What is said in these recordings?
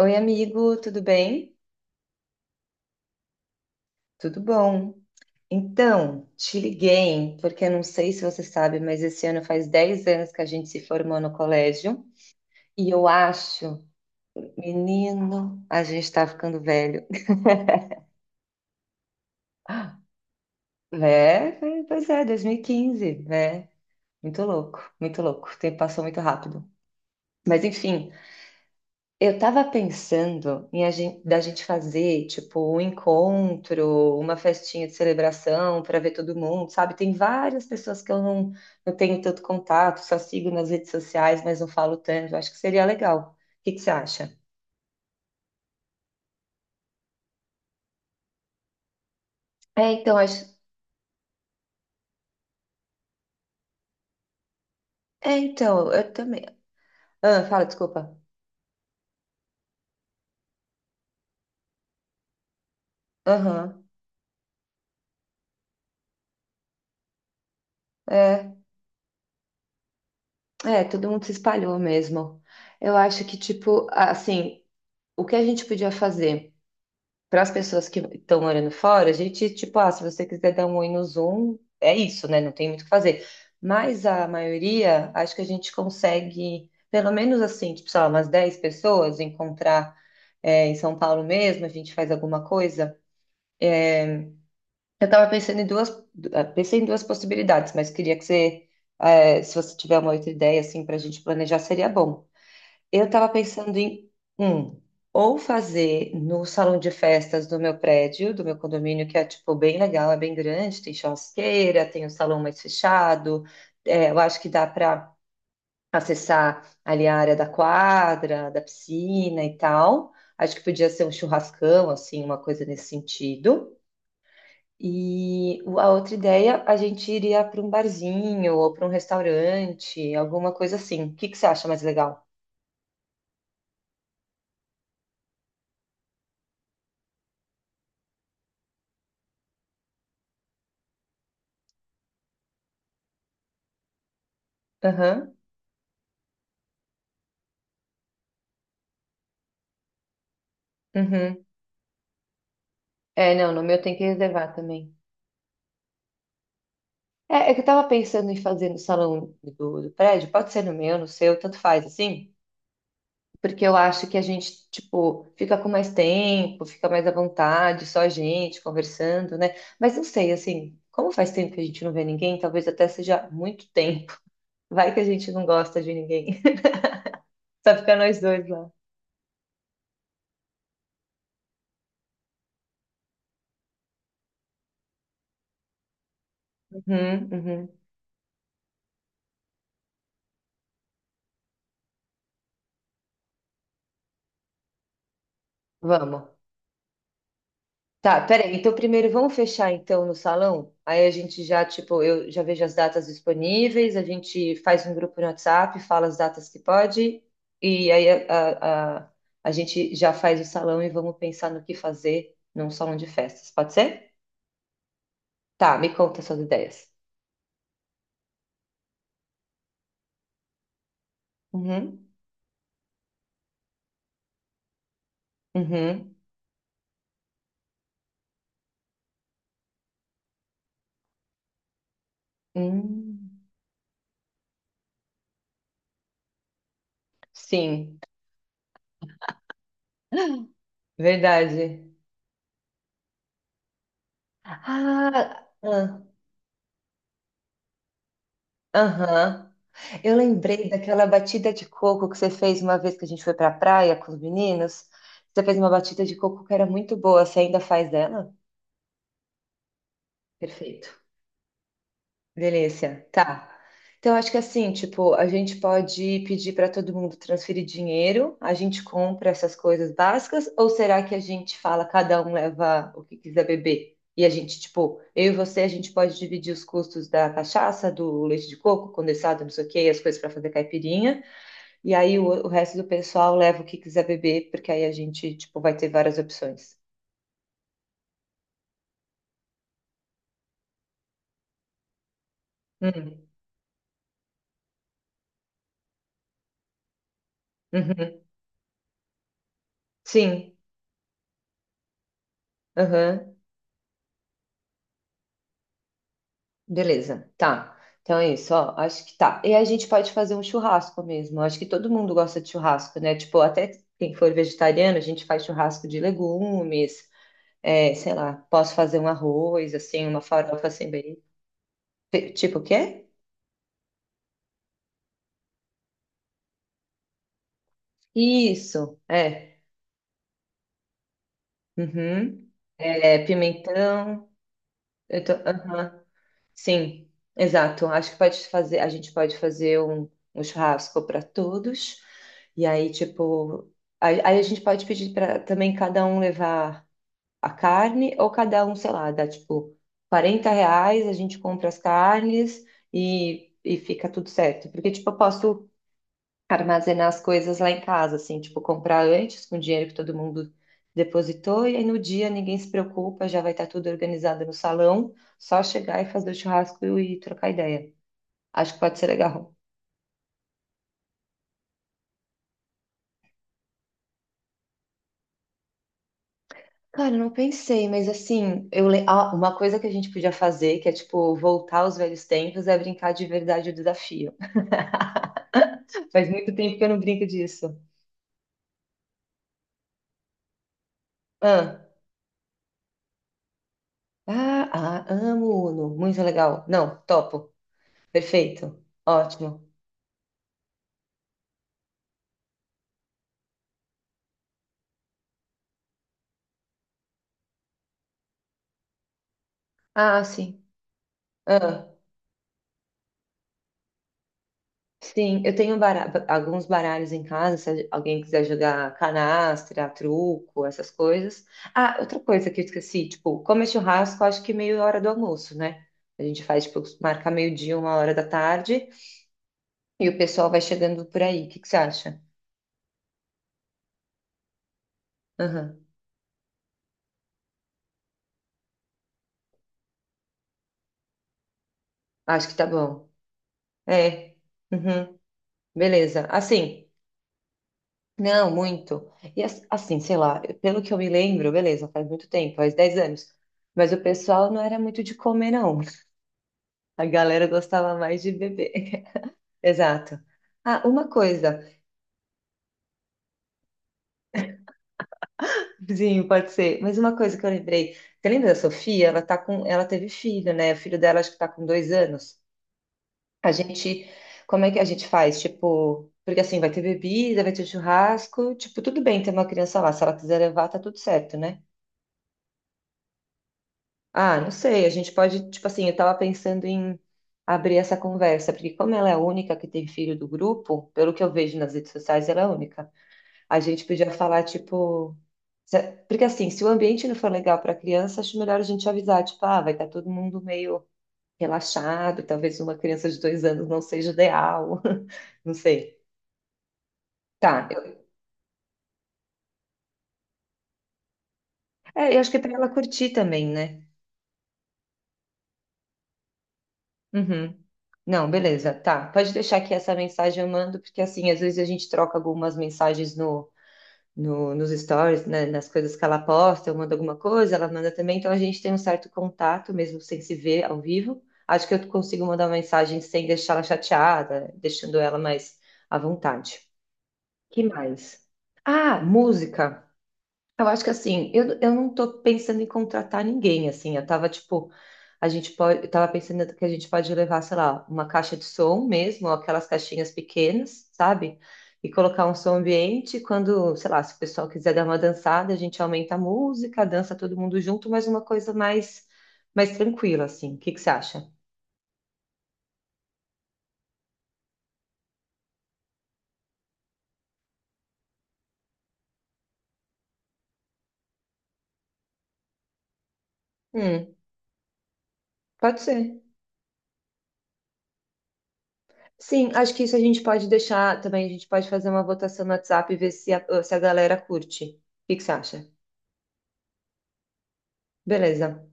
Oi, amigo, tudo bem? Tudo bom. Então, te liguei, porque eu não sei se você sabe, mas esse ano faz 10 anos que a gente se formou no colégio. E eu acho, menino, a gente tá ficando velho. É, pois é, 2015, né? Muito louco, muito louco. O tempo passou muito rápido. Mas enfim, eu tava pensando em da gente fazer, tipo, um encontro, uma festinha de celebração para ver todo mundo, sabe? Tem várias pessoas que eu não, não tenho tanto contato, só sigo nas redes sociais, mas não falo tanto. Acho que seria legal. O que que você acha? É, então, acho. É, então, eu também. Ah, fala, desculpa. Aham. É, é, todo mundo se espalhou mesmo. Eu acho que, tipo, assim, o que a gente podia fazer? Para as pessoas que estão morando fora, a gente, tipo, ah, se você quiser dar um oi no Zoom, é isso, né? Não tem muito o que fazer. Mas a maioria, acho que a gente consegue, pelo menos assim, tipo, sei lá, umas 10 pessoas, encontrar, é, em São Paulo mesmo, a gente faz alguma coisa. Eh, Eu estava pensando em pensei em duas possibilidades, mas queria que se você tiver uma outra ideia, assim, para a gente planejar, seria bom. Eu estava pensando em um, ou fazer no salão de festas do meu prédio, do meu condomínio, que é tipo bem legal, é bem grande, tem churrasqueira, tem o salão mais fechado. É, eu acho que dá para acessar ali a área da quadra, da piscina e tal. Acho que podia ser um churrascão, assim, uma coisa nesse sentido. A outra ideia, a gente iria para um barzinho ou para um restaurante, alguma coisa assim. O que que você acha mais legal? Aham. Uhum. É, não, no meu tem que reservar também. É, é que eu tava pensando em fazer no salão do prédio, pode ser no meu, no seu, tanto faz, assim, porque eu acho que a gente, tipo, fica com mais tempo, fica mais à vontade, só a gente conversando, né? Mas não sei, assim, como faz tempo que a gente não vê ninguém, talvez até seja muito tempo. Vai que a gente não gosta de ninguém, só fica nós dois lá. Uhum, uhum. Vamos. Tá, peraí. Então, primeiro vamos fechar então no salão. Aí a gente já, tipo, eu já vejo as datas disponíveis, a gente faz um grupo no WhatsApp, fala as datas que pode, e aí a gente já faz o salão e vamos pensar no que fazer num salão de festas. Pode ser? Tá, me conta suas ideias. Uhum, uhum, hum, sim, verdade. Ah, ah, aham. Eu lembrei daquela batida de coco que você fez uma vez que a gente foi pra praia com os meninos. Você fez uma batida de coco que era muito boa. Você ainda faz dela? Perfeito. Delícia. Tá. Então, acho que assim, tipo, a gente pode pedir para todo mundo transferir dinheiro, a gente compra essas coisas básicas, ou será que a gente fala, cada um leva o que quiser beber? E a gente, tipo, eu e você, a gente pode dividir os custos da cachaça, do leite de coco, condensado, não sei o quê, e as coisas para fazer caipirinha. E aí o resto do pessoal leva o que quiser beber, porque aí a gente, tipo, vai ter várias opções. Hum, uhum, sim, uhum, beleza, tá. Então é isso, ó, acho que tá. E a gente pode fazer um churrasco mesmo. Acho que todo mundo gosta de churrasco, né? Tipo, até quem for vegetariano, a gente faz churrasco de legumes, é, sei lá, posso fazer um arroz, assim, uma farofa sem bem. Tipo o quê? Isso, é. Uhum. É, pimentão. Aham. Sim, exato. Acho que pode fazer, a gente pode fazer um churrasco para todos. E aí, tipo, aí a gente pode pedir para também cada um levar a carne, ou cada um, sei lá, dá tipo 40 reais, a gente compra as carnes e fica tudo certo. Porque, tipo, eu posso armazenar as coisas lá em casa, assim, tipo, comprar antes com o dinheiro que todo mundo depositou, e aí no dia ninguém se preocupa, já vai estar tudo organizado no salão, só chegar e fazer o churrasco e trocar ideia. Acho que pode ser legal. Cara, eu não pensei, mas assim, ah, uma coisa que a gente podia fazer, que é tipo voltar aos velhos tempos, é brincar de verdade o desafio. Faz muito tempo que eu não brinco disso. Ah, ah, ah, amo Uno, muito legal. Não, topo. Perfeito. Ótimo. Ah, sim. Ah. Sim, eu tenho alguns baralhos em casa, se alguém quiser jogar canastra, truco, essas coisas. Ah, outra coisa que eu esqueci, tipo, como é churrasco, acho que meia hora do almoço, né? A gente faz, tipo, marca meio-dia, 1 hora da tarde, e o pessoal vai chegando por aí. O que que você acha? Aham. Acho que tá bom. É, uhum, beleza. Assim, não, muito. Assim, sei lá, pelo que eu me lembro, beleza, faz muito tempo, faz 10 anos. Mas o pessoal não era muito de comer, não. A galera gostava mais de beber. Exato. Ah, uma coisa, sim, pode ser, mas uma coisa que eu lembrei. Você lembra da Sofia? Ela teve filho, né? O filho dela acho que tá com 2 anos. A gente, como é que a gente faz? Tipo, porque assim, vai ter bebida, vai ter churrasco, tipo, tudo bem ter uma criança lá. Se ela quiser levar, tá tudo certo, né? Ah, não sei, a gente pode, tipo assim, eu tava pensando em abrir essa conversa, porque como ela é a única que tem filho do grupo, pelo que eu vejo nas redes sociais, ela é a única. A gente podia falar, tipo. Porque assim, se o ambiente não for legal para a criança, acho melhor a gente avisar, tipo, ah, vai estar todo mundo meio relaxado, talvez uma criança de 2 anos não seja ideal, não sei. Tá, é, eu acho que é para ela curtir também, né? Uhum. Não, beleza, tá. Pode deixar que essa mensagem eu mando, porque assim, às vezes a gente troca algumas mensagens nos stories, né, nas coisas que ela posta, eu mando alguma coisa, ela manda também, então a gente tem um certo contato, mesmo sem se ver ao vivo. Acho que eu consigo mandar uma mensagem sem deixar ela chateada, deixando ela mais à vontade. Que mais? Ah, música. Eu acho que assim, eu não tô pensando em contratar ninguém, assim, eu tava tipo, a gente pode, eu tava pensando que a gente pode levar, sei lá, uma caixa de som mesmo, ou aquelas caixinhas pequenas, sabe? E colocar um som ambiente, quando, sei lá, se o pessoal quiser dar uma dançada, a gente aumenta a música, dança todo mundo junto, mas uma coisa mais tranquila, assim. O que que você acha? Hum, pode ser. Sim, acho que isso a gente pode deixar também, a gente pode fazer uma votação no WhatsApp e ver se se a galera curte. O que que você acha? Beleza.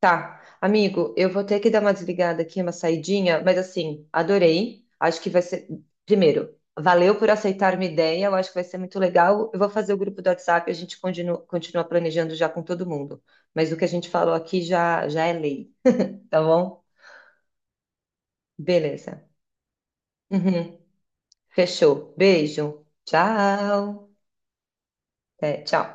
Tá, amigo, eu vou ter que dar uma desligada aqui, uma saidinha, mas assim, adorei. Acho que vai ser. Primeiro, valeu por aceitar minha ideia, eu acho que vai ser muito legal. Eu vou fazer o grupo do WhatsApp, a gente continua, continua planejando já com todo mundo. Mas o que a gente falou aqui já, já é lei, tá bom? Beleza. Uhum. Fechou. Beijo. Tchau. É, tchau.